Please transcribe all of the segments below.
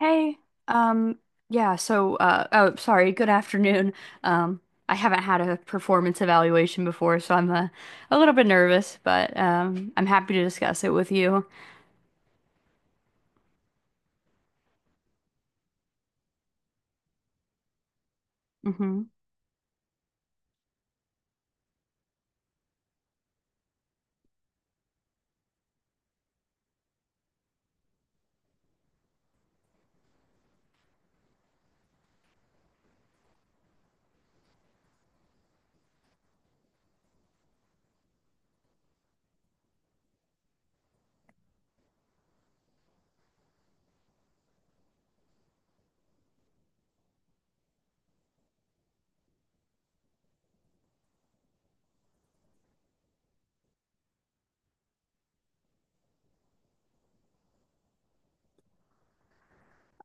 Hey, um, yeah, so, oh, sorry, Good afternoon. Um, I haven't had a performance evaluation before, so I'm a little bit nervous, but I'm happy to discuss it with you. hmm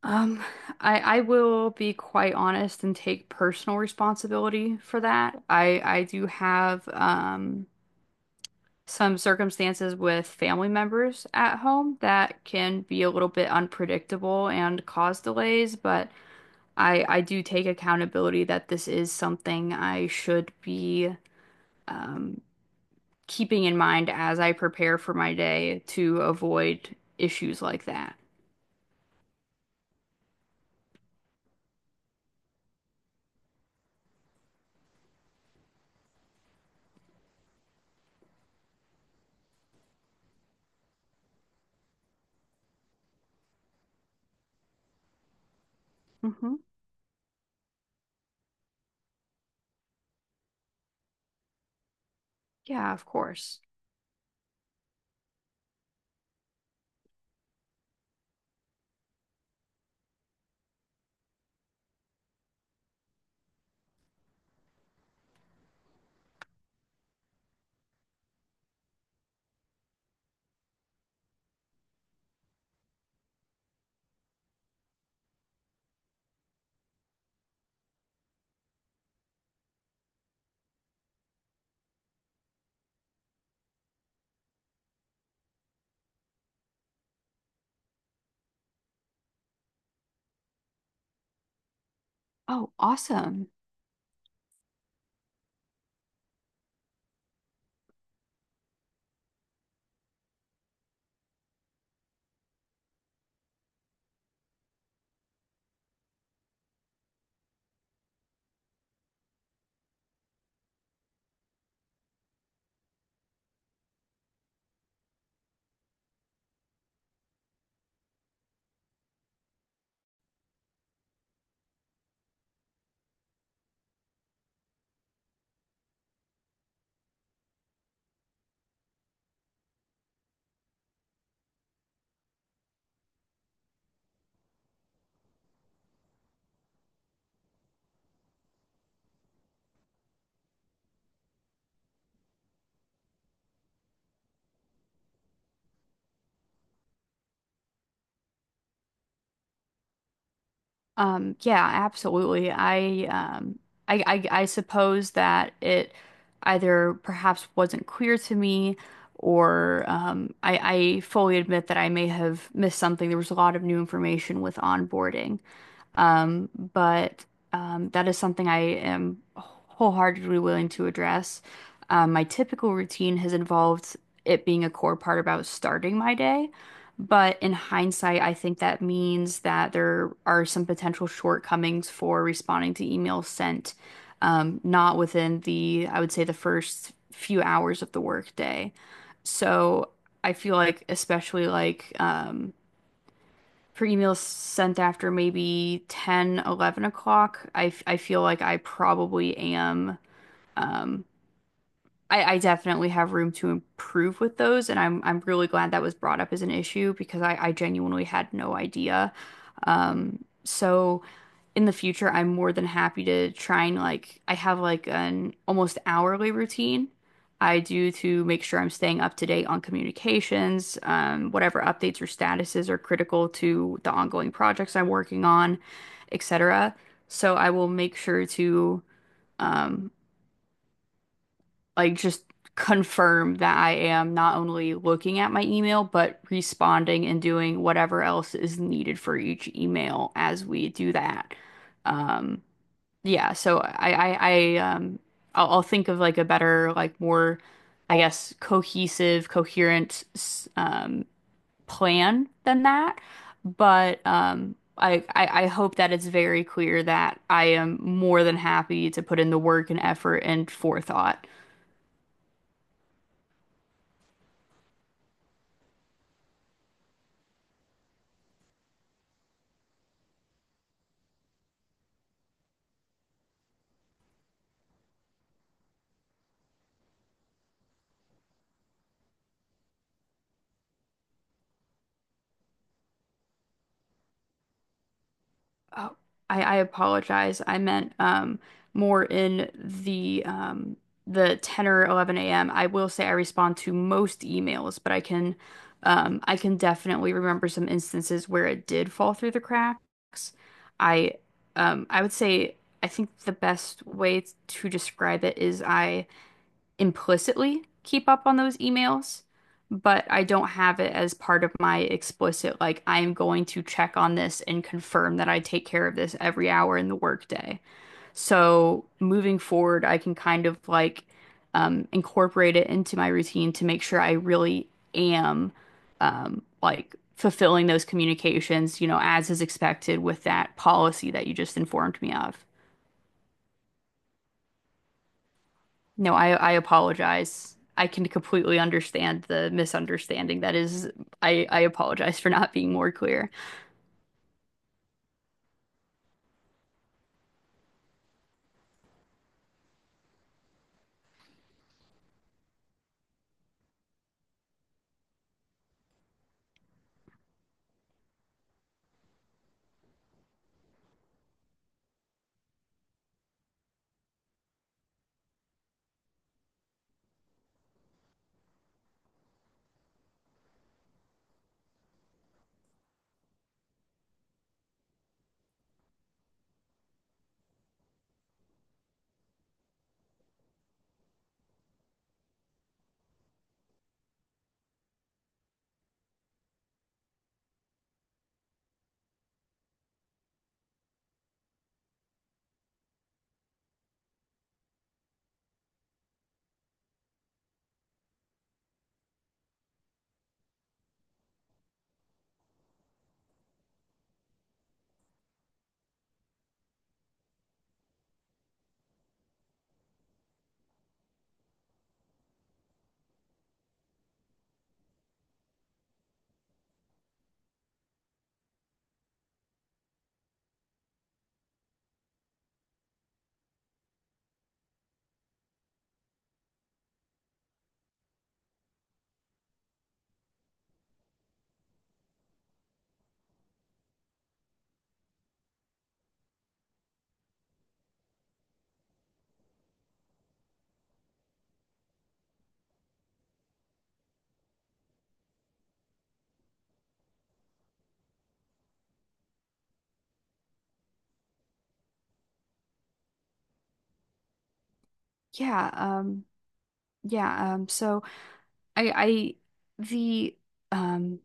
Um, I will be quite honest and take personal responsibility for that. I do have, some circumstances with family members at home that can be a little bit unpredictable and cause delays, but I do take accountability that this is something I should be um, keeping in mind as I prepare for my day to avoid issues like that. Hmm. Yeah, of course. Oh, awesome. Yeah, absolutely. I, I suppose that it either perhaps wasn't clear to me or I fully admit that I may have missed something. There was a lot of new information with onboarding. But that is something I am wholeheartedly willing to address. My typical routine has involved it being a core part about starting my day. But in hindsight, I think that means that there are some potential shortcomings for responding to emails sent, not within the, I would say, the first few hours of the workday. So I feel like, especially for emails sent after maybe ten, eleven 11 o'clock, I feel like I probably am. Um, I definitely have room to improve with those, and I'm really glad that was brought up as an issue because I genuinely had no idea. So in the future, I'm more than happy to try and like I have like an almost hourly routine I do to make sure I'm staying up to date on communications, whatever updates or statuses are critical to the ongoing projects I'm working on, etc. So I will make sure to um, just confirm that I am not only looking at my email, but responding and doing whatever else is needed for each email as we do that. Um, yeah, so I, I, I, um, I'll think of like a better, I guess, cohesive, coherent, plan than that. But I hope that it's very clear that I am more than happy to put in the work and effort and forethought. Oh, I apologize. I meant more in the 10 or 11 a.m. I will say I respond to most emails, but I can definitely remember some instances where it did fall through the cracks. I I would say I think the best way to describe it is I implicitly keep up on those emails, but I don't have it as part of my explicit, like, I am going to check on this and confirm that I take care of this every hour in the workday. So moving forward, I can kind of incorporate it into my routine to make sure I really am like fulfilling those communications, you know, as is expected with that policy that you just informed me of. No, I apologize. I can completely understand the misunderstanding. That is, I apologize for not being more clear. Yeah, yeah, so I the um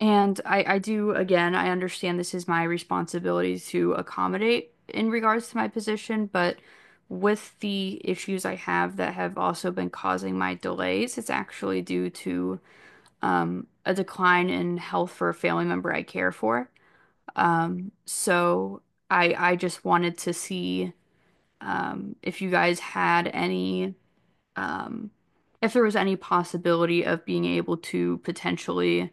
and I do again, I understand this is my responsibility to accommodate in regards to my position, but with the issues I have that have also been causing my delays, it's actually due to a decline in health for a family member I care for. Um, so I just wanted to see if you guys had any, um, if there was any possibility of being able to potentially,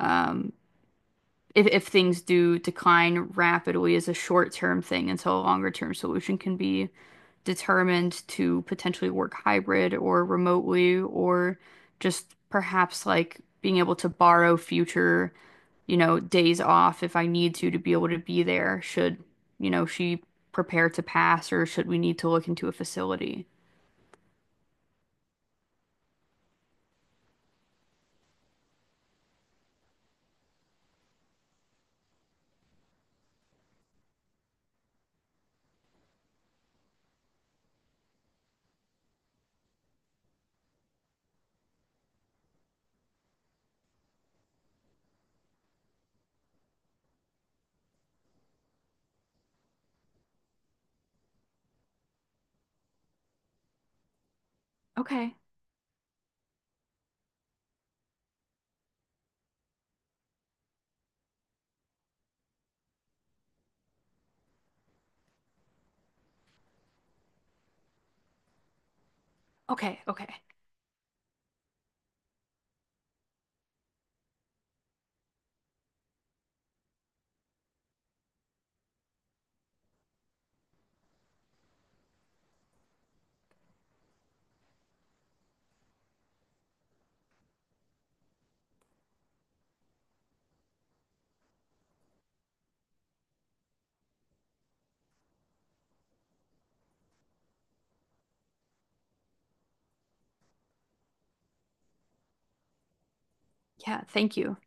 um, if things do decline rapidly is a short-term thing until a longer-term solution can be determined, to potentially work hybrid or remotely or just perhaps like being able to borrow future, you know, days off if I need to be able to be there should, you know, she prepare to pass or should we need to look into a facility. Okay. Okay. Okay. Yeah, thank you.